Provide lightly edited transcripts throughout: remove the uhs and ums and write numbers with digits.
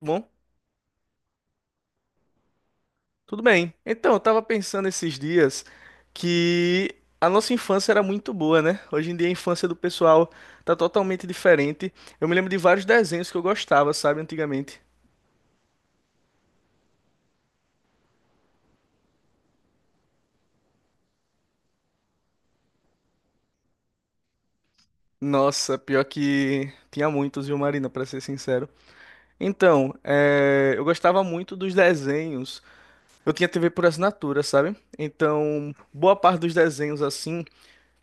Bom, tudo bem. Então, eu tava pensando esses dias que a nossa infância era muito boa, né? Hoje em dia a infância do pessoal tá totalmente diferente. Eu me lembro de vários desenhos que eu gostava, sabe, antigamente. Nossa, pior que tinha muitos, viu, Marina, pra ser sincero. Então, eu gostava muito dos desenhos. Eu tinha TV por assinatura, sabe? Então, boa parte dos desenhos, assim,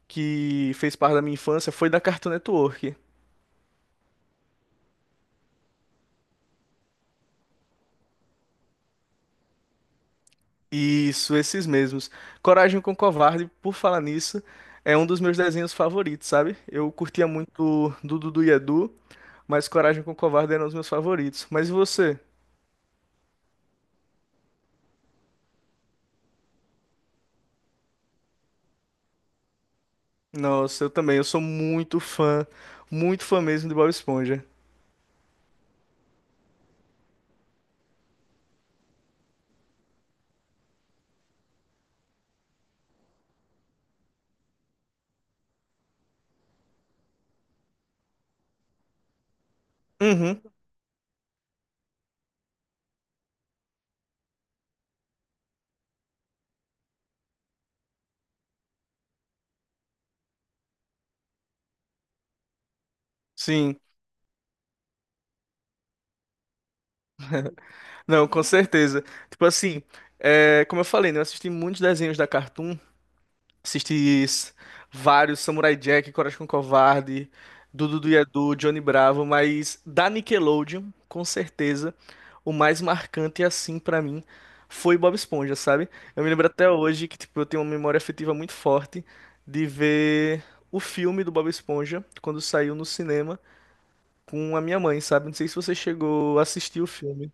que fez parte da minha infância foi da Cartoon Network. Isso, esses mesmos. Coragem com Covarde, por falar nisso, é um dos meus desenhos favoritos, sabe? Eu curtia muito do Dudu e Edu, mas Coragem com Covarde era um dos meus favoritos. Mas e você? Nossa, eu também, eu sou muito fã mesmo de Bob Esponja. Uhum, sim. Não, com certeza. Tipo assim, como eu falei, né, eu assisti muitos desenhos da Cartoon. Assisti s- Vários Samurai Jack, Coragem com o Covarde, Dudu do Edu, Johnny Bravo, mas da Nickelodeon, com certeza, o mais marcante assim pra mim foi Bob Esponja, sabe? Eu me lembro até hoje que tipo eu tenho uma memória afetiva muito forte de ver o filme do Bob Esponja quando saiu no cinema com a minha mãe, sabe? Não sei se você chegou a assistir o filme.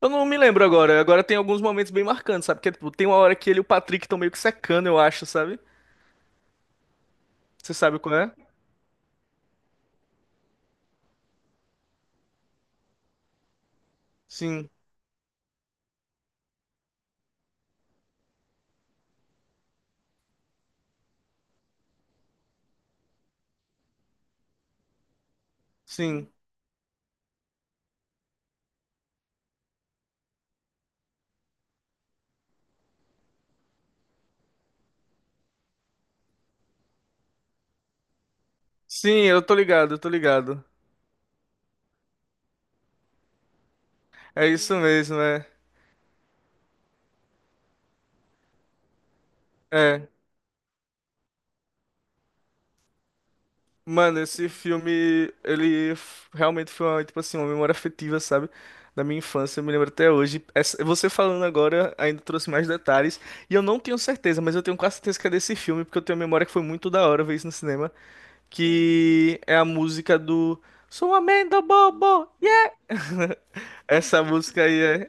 Eu não me lembro agora. Agora tem alguns momentos bem marcantes, sabe? Porque tipo, tem uma hora que ele e o Patrick estão meio que secando, eu acho, sabe? Você sabe qual é? Sim, sim. Sim, eu tô ligado, eu tô ligado. É isso mesmo, é. É. Mano, esse filme, ele realmente foi uma, tipo assim, uma memória afetiva, sabe? Da minha infância, eu me lembro até hoje. Você falando agora ainda trouxe mais detalhes. E eu não tenho certeza, mas eu tenho quase certeza que é desse filme, porque eu tenho uma memória que foi muito da hora ver isso no cinema. Que é a música do Sou amendo bobo! Yeah! Essa música aí é.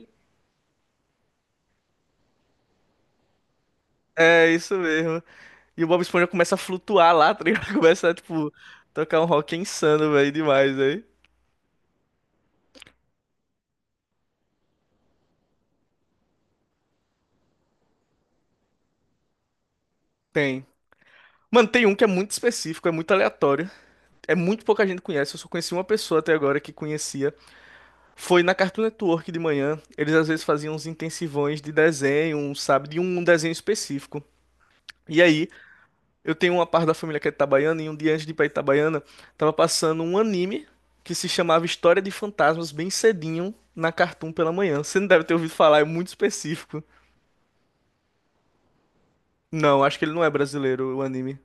É isso mesmo. E o Bob Esponja começa a flutuar lá, tá ligado? Começa a, tipo, tocar um rock insano, velho, demais, velho. Tem. Mano, tem um que é muito específico, é muito aleatório. É muito pouca gente conhece. Eu só conheci uma pessoa até agora que conhecia. Foi na Cartoon Network de manhã. Eles às vezes faziam uns intensivões de desenho, um, sabe, de um desenho específico. E aí, eu tenho uma parte da família que é itabaiana, e um dia antes de ir pra Itabaiana, tava passando um anime que se chamava História de Fantasmas bem cedinho na Cartoon pela manhã. Você não deve ter ouvido falar, é muito específico. Não, acho que ele não é brasileiro, o anime.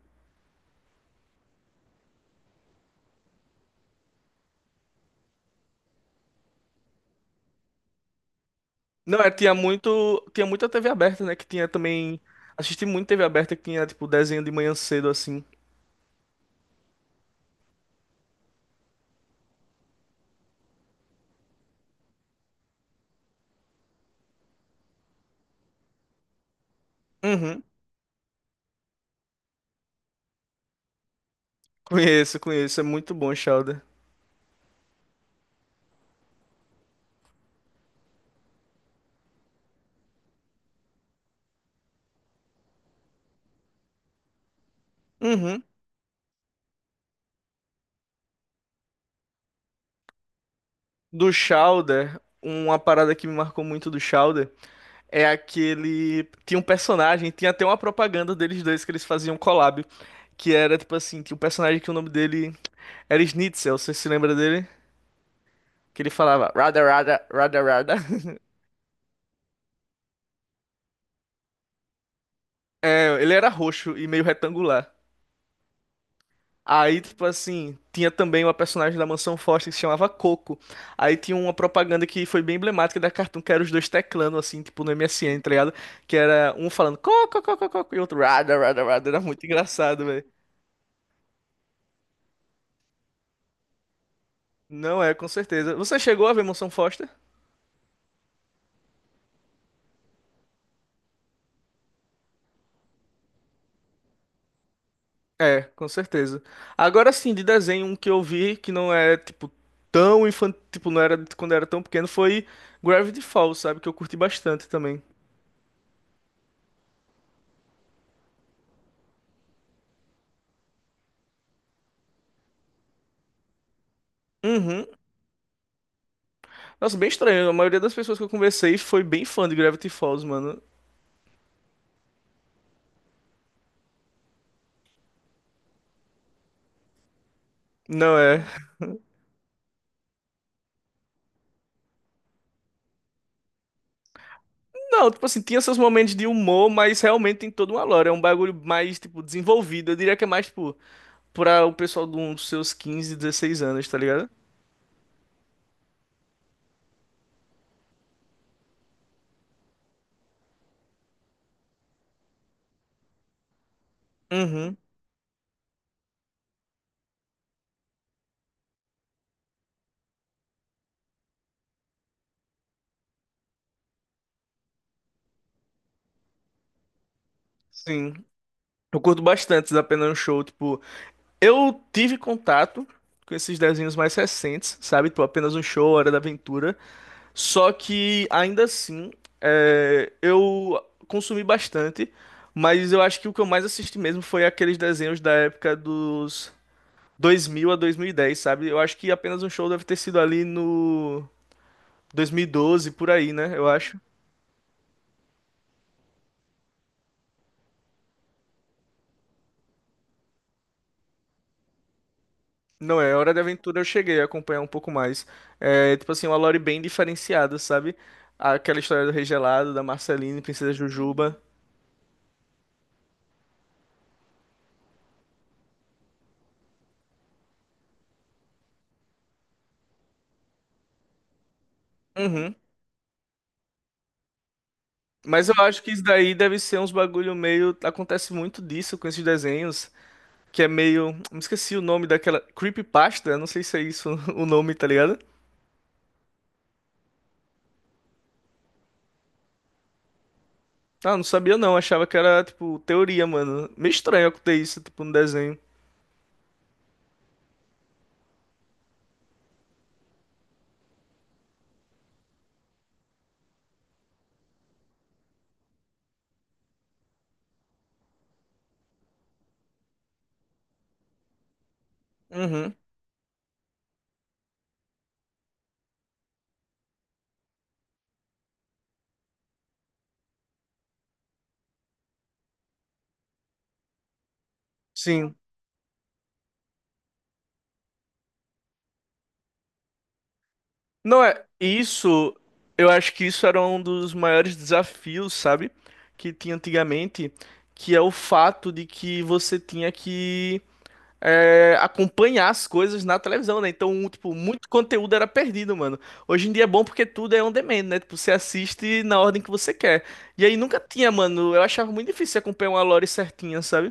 Não, tinha muita TV aberta, né? Que tinha também. Assisti muito TV aberta que tinha, tipo, desenho de manhã cedo, assim. Uhum. Conheço, conheço. É muito bom, Chowder. Uhum. Do Chowder, uma parada que me marcou muito do Chowder é aquele. Tinha um personagem, tinha até uma propaganda deles dois que eles faziam um collab. Que era, tipo assim, que o personagem que o nome dele era Schnitzel, você se lembra dele? Que ele falava, rada, rada, rada, rada. É, ele era roxo e meio retangular. Aí, tipo assim, tinha também uma personagem da Mansão Foster que se chamava Coco. Aí tinha uma propaganda que foi bem emblemática da Cartoon, que era os dois teclando, assim, tipo no MSN, tá ligado? Que era um falando Coco, Coco, Coco, e outro Rada, Rada, Rada. Era muito engraçado, velho. Não é, com certeza. Você chegou a ver Mansão Foster? É, com certeza. Agora sim, de desenho, um que eu vi que não é, tipo, tão infantil, tipo, não era de quando eu era tão pequeno, foi Gravity Falls, sabe? Que eu curti bastante também. Uhum. Nossa, bem estranho. A maioria das pessoas que eu conversei foi bem fã de Gravity Falls, mano. Não é. Não, tipo assim, tinha seus momentos de humor, mas realmente tem toda uma lore. É um bagulho mais, tipo, desenvolvido. Eu diria que é mais, tipo, pra o pessoal de uns seus 15, 16 anos, tá ligado? Uhum, sim. Eu curto bastante da Pena Show, tipo, eu tive contato com esses desenhos mais recentes, sabe? Tipo, apenas um show, Hora da Aventura. Só que ainda assim, eu consumi bastante, mas eu acho que o que eu mais assisti mesmo foi aqueles desenhos da época dos 2000 a 2010, sabe? Eu acho que apenas um show deve ter sido ali no 2012 por aí, né? Eu acho. Não é, Hora da Aventura eu cheguei a acompanhar um pouco mais. É, tipo assim, uma lore bem diferenciada, sabe? Aquela história do Rei Gelado, da Marceline, Princesa Jujuba. Uhum. Mas eu acho que isso daí deve ser uns bagulho meio. Acontece muito disso com esses desenhos, que é meio. Me esqueci o nome daquela. Creepypasta? Não sei se é isso o nome, tá ligado? Ah, não sabia não. Achava que era, tipo, teoria, mano. Meio estranho acontecer isso, tipo, no desenho. Uhum. Sim. Não é. Isso. Eu acho que isso era um dos maiores desafios, sabe? Que tinha antigamente, que é o fato de que você tinha que acompanhar as coisas na televisão, né? Então, tipo, muito conteúdo era perdido, mano. Hoje em dia é bom porque tudo é on demand, né? Tipo, você assiste na ordem que você quer. E aí nunca tinha, mano. Eu achava muito difícil acompanhar uma lore certinha, sabe?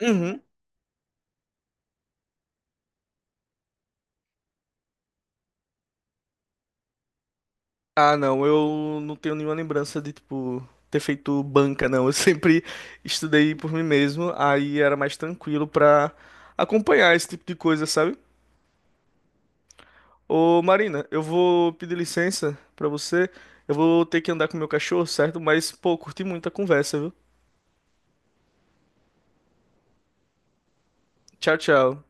Uhum. Ah, não, eu não tenho nenhuma lembrança de, tipo, ter feito banca, não. Eu sempre estudei por mim mesmo, aí era mais tranquilo pra acompanhar esse tipo de coisa, sabe? Ô Marina, eu vou pedir licença pra você. Eu vou ter que andar com meu cachorro, certo? Mas, pô, curti muito a conversa, viu? Tchau, tchau.